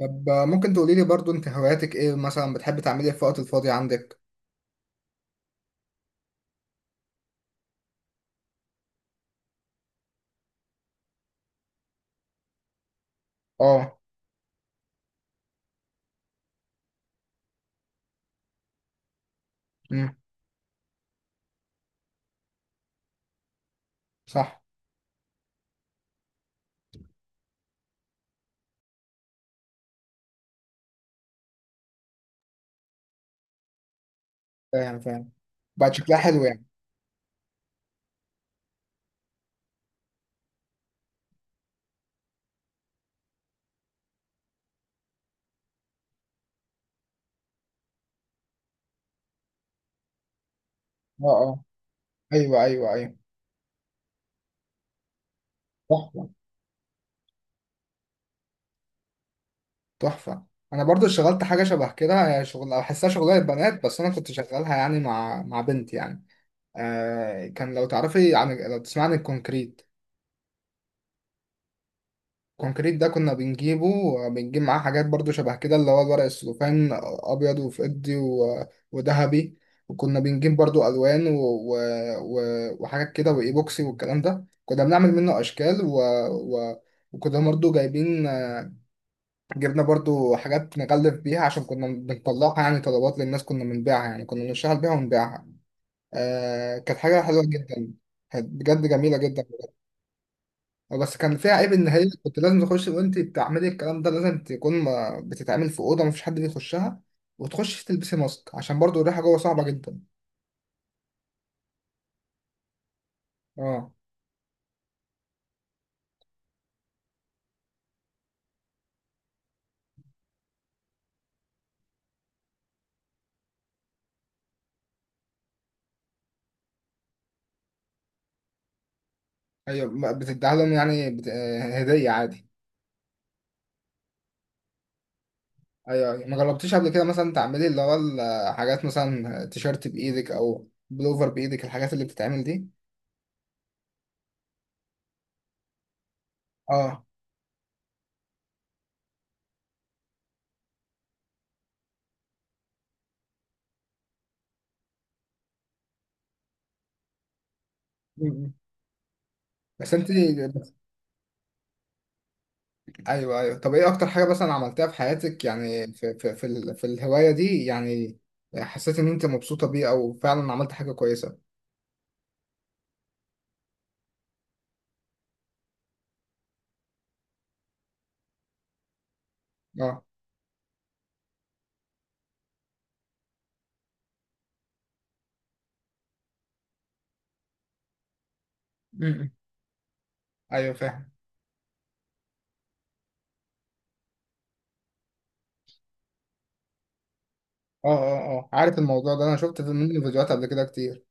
طب ممكن تقولي لي برضو انت هواياتك ايه مثلا، بتحب تعملي ايه في الوقت الفاضي عندك. اه. امم. صح. فاهم فاهم. بقى شكلها حلو يعني. اه اه. ايوه ايوه ايوه. تحفه. تحفه. انا برضو اشتغلت حاجه شبه كده، هي شغل بحسها شغلانه بنات، بس انا كنت شغالها يعني مع بنت يعني. كان لو تعرفي عن لو تسمعني، الكونكريت. كونكريت ده كنا بنجيبه، بنجيب معاه حاجات برضو شبه كده، اللي هو الورق السلوفان، ابيض وفضي و- وذهبي. وكنا بنجيب برضو الوان وحاجات كده وايبوكسي والكلام ده، كنا بنعمل منه اشكال و... و... وكنا برضو جايبين جبنا برضو حاجات نغلف بيها، عشان كنا بنطلعها يعني طلبات للناس، كنا بنبيعها يعني، كنا بنشتغل بيها ونبيعها. كانت حاجة حلوة جدا. كانت بجد جميلة جدا. بس كان فيها عيب، ان هي كنت لازم تخش وانت بتعملي الكلام ده، لازم تكون بتتعمل في اوضه مفيش حد بيخشها، وتخش تلبسي ماسك عشان برضو الريحه جوه صعبه جدا. اه. ايوه ما بتديها لهم يعني بت... آه، هديه عادي. ايوه ايوه، ما جربتيش قبل كده مثلا تعملي اللي هو الحاجات، مثلا تيشيرت بايدك او بلوفر بايدك، الحاجات اللي بتتعمل دي. اه. م. بس انت. ايوه ايوه. طب ايه اكتر حاجه مثلا عملتها في حياتك، يعني في في الهوايه دي يعني، حسيت ان انت مبسوطه بيه او فعلا عملت حاجه كويسه. اه. م. ايوه فاهم. اه اه اه، عارف الموضوع ده، انا شفت في منه فيديوهات قبل كده كتير.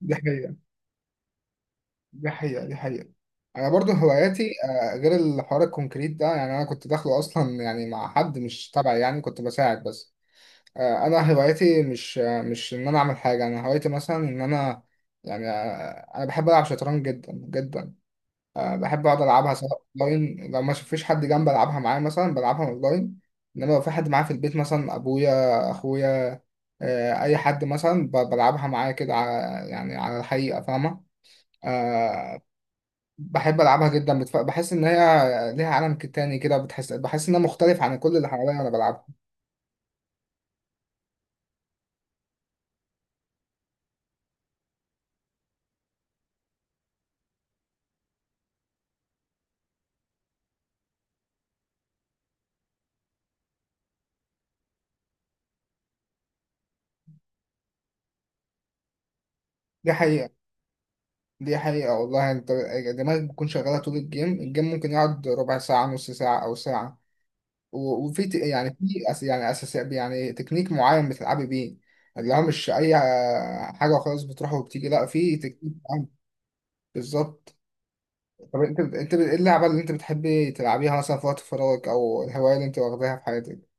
دي حقيقة. دي حقيقة. دي حقيقة. انا برضو هواياتي، غير الحوار الكونكريت ده يعني، انا كنت داخله اصلا يعني مع حد مش تبعي يعني، كنت بساعد بس. انا هوايتي مش، مش ان انا اعمل حاجه، انا هوايتي مثلا ان انا، يعني انا بحب العب شطرنج جدا جدا. بحب اقعد العبها سواء اونلاين، لو ما فيش حد جنبي العبها معاه، مثلا بلعبها اونلاين. انما لو في حد معايا في البيت، مثلا ابويا، اخويا، اي حد، مثلا بلعبها معاه كده على- يعني على الحقيقه، فاهمه. أه. بحب العبها جدا، بحس ان هي ليها عالم تاني كده، بحس انها مختلف عن كل اللي حواليا وانا بلعبها. دي حقيقه. دي حقيقة والله. انت دماغك بتكون شغالة طول الجيم ممكن يقعد ربع ساعة، نص ساعة، أو ساعة. و- وفي يعني في يعني أساس، يعني تكنيك معين بتلعبي بيه، اللي هو مش أي حاجة وخلاص بتروح وبتيجي، لا، في تكنيك معين. بالظبط. طب ايه اللعبة اللي انت بتحبي تلعبيها مثلا في وقت فراغك، أو الهواية اللي انت واخداها في حياتك؟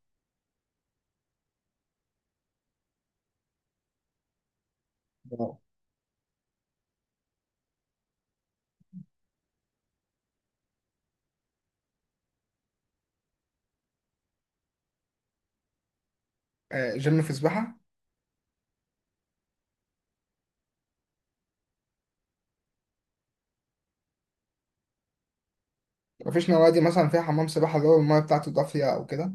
جيم في سباحة؟ مفيش نوادي مثلا فيها حمام سباحة اللي هو المية بتاعته دافية أو كده؟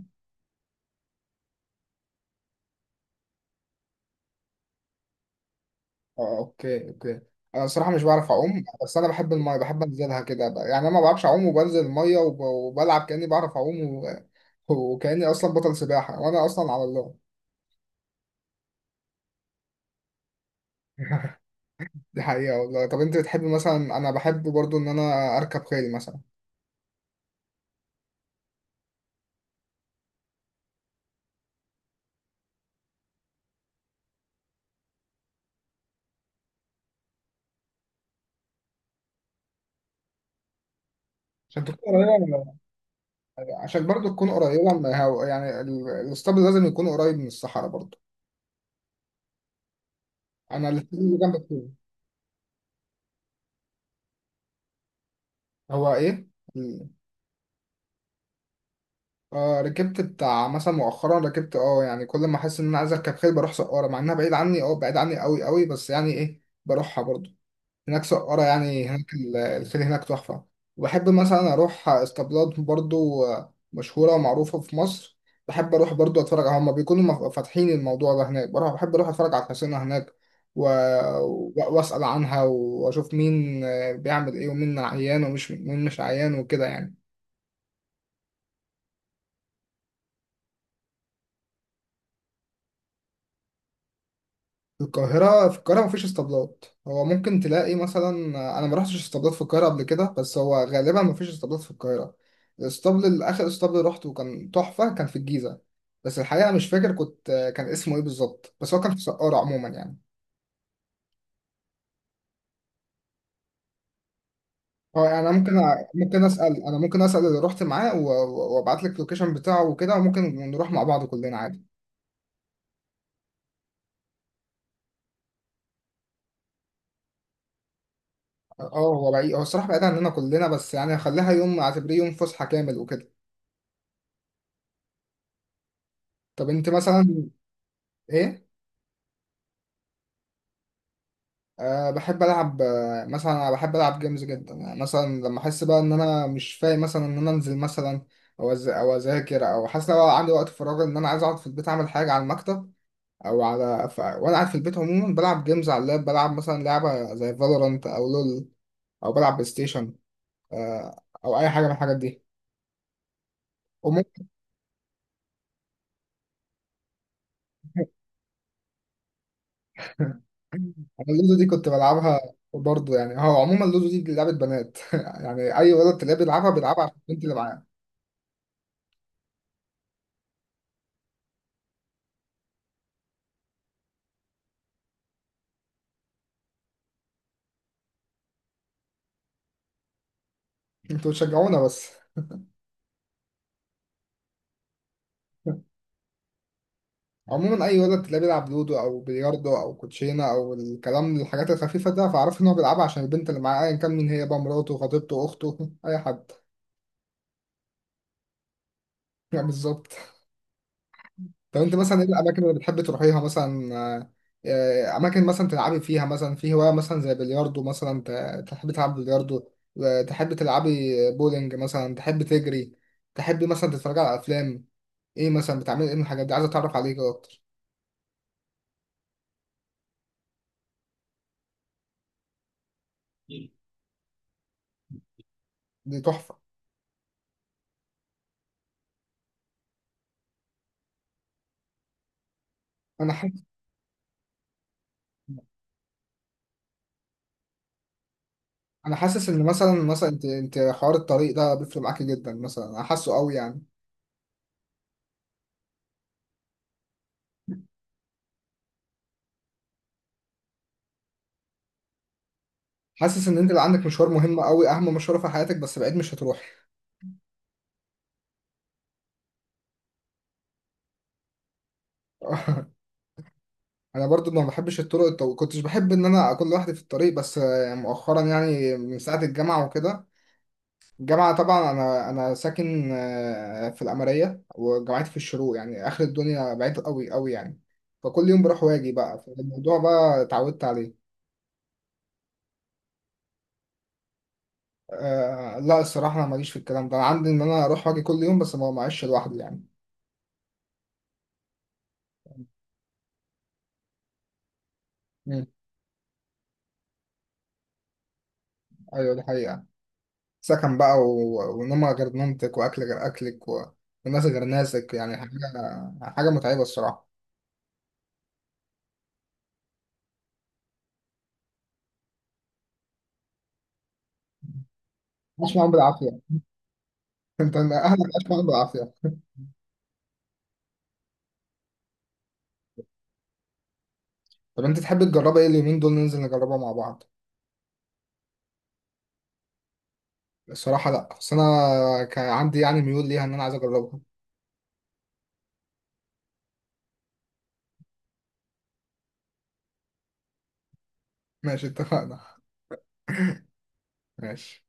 اه اوكي اوكي. انا الصراحه مش بعرف اعوم، بس انا بحب الميه، بحب انزلها كده بقى. يعني انا ما بعرفش اعوم، وبنزل الميه وبلعب كاني بعرف اعوم وكاني اصلا بطل سباحه، وانا اصلا على الله. دي حقيقه والله. طب انت بتحب مثلا، انا بحب برضو ان انا اركب خيل مثلا. عشان تكون قريبه عشان برضو تكون قريبه، يعني الاسطبل لازم يكون قريب من الصحراء برضو. انا الاسطبل اللي جنب الخيل. هو ايه. ركبت بتاع مثلا مؤخرا ركبت، يعني كل ما احس ان انا عايز اركب خيل بروح سقارة، مع انها بعيد عني، بعيد عني قوي قوي، بس يعني ايه بروحها برضو. هناك سقارة، يعني هناك الخيل هناك تحفة. وبحب مثلا اروح اسطبلات برضو مشهورة ومعروفة في مصر. بحب اروح برضو اتفرج على، هما بيكونوا فاتحين الموضوع ده هناك بروح بحب اروح اتفرج على الحصينة هناك و... و- واسأل عنها واشوف مين بيعمل ايه، ومين عيان ومش مين مش عيان وكده يعني. في القاهرة، في القاهرة مفيش اسطبلات. هو ممكن تلاقي مثلا، أنا ما رحتش اسطبلات في القاهرة قبل كده، بس هو غالبا مفيش اسطبلات في القاهرة. الاسطبل الآخر، اسطبل روحته كان تحفة، كان في الجيزة، بس الحقيقة مش فاكر كان اسمه إيه بالظبط، بس هو كان في سقارة عموما يعني. هو يعني أنا ممكن أسأل اللي رحت معاه و- وأبعت لك اللوكيشن بتاعه وكده، وممكن نروح مع بعض كلنا عادي. اه هو بعيد، هو الصراحة بعيد عننا كلنا، بس يعني هخليها يوم، أعتبريه يوم فسحة كامل وكده. طب أنت مثلا. إيه؟ بحب ألعب جيمز جدا، يعني مثلا لما أحس بقى إن أنا مش فايق، مثلا إن أنا أنزل مثلا أو أو أذاكر، أو حاسس لو عندي وقت فراغ إن أنا عايز أقعد في البيت، أعمل حاجة على المكتب وأنا قاعد في البيت عموما بلعب جيمز على اللاب، بلعب مثلا لعبة زي فالورانت أو لول، أو بلعب بلاي ستيشن. أه، أو أي حاجة من الحاجات دي. وممكن. أنا اللودو دي كنت بلعبها. برضه يعني هو عموما اللودو دي لعبة بنات. يعني أي ولد تلاقيه بيلعبها عشان البنت اللي معاه. أنتوا بتشجعونا بس. عموما اي ولد تلاقيه بيلعب لودو او بلياردو او كوتشينه او الكلام، الحاجات الخفيفه ده، فاعرف ان هو بيلعبها عشان البنت اللي معاه، ايا كان مين هي، بقى مراته، خطيبته، اخته، اي حد. يعني بالظبط. طب انت مثلا ايه الاماكن اللي بتحب تروحيها مثلا، اماكن مثلا تلعبي فيها، مثلا في هوايه مثلا زي بلياردو، مثلا تحبي تلعبي بلياردو، تحبي تلعبي بولينج، مثلا تحبي تجري، تحبي مثلا تتفرجي على افلام. ايه مثلا بتعملي ايه من الحاجات دي، عايز اتعرف عليك اكتر. دي تحفه. انا حاسس انا حاسس ان مثلا انت حوار الطريق ده بيفرق معاكي جدا مثلا، انا حاسه قوي يعني. حاسس ان انت اللي عندك مشوار مهم قوي، اهم مشوار في حياتك، بس بعيد مش هتروحي. انا برضو ما بحبش الطرق، كنتش بحب ان انا اكون لوحدي في الطريق، بس مؤخرا، يعني من ساعه الجامعه وكده، الجامعه طبعا انا ساكن في القمريه، وجامعتي في الشروق، يعني اخر الدنيا، بعيد قوي قوي يعني، فكل يوم بروح واجي بقى، فالموضوع بقى اتعودت عليه. لا الصراحة أنا ماليش في الكلام ده، أنا عندي إن أنا أروح وأجي كل يوم بس ما معيش لوحدي يعني. مم. أيوة دي حقيقة. سكن بقى ونومة غير نومتك، وأكل غير أكلك وناس غير ناسك، يعني حاجة متعبة الصراحة. عاش معاهم بالعافية. أنت أهلك عاش معاهم بالعافية. طب أنت تحب تجربها، إيه اليومين دول ننزل نجربها مع بعض. الصراحة لا، بس أنا كان عندي يعني ميول ليها إن أنا عايز أجربها. ماشي اتفقنا. ماشي.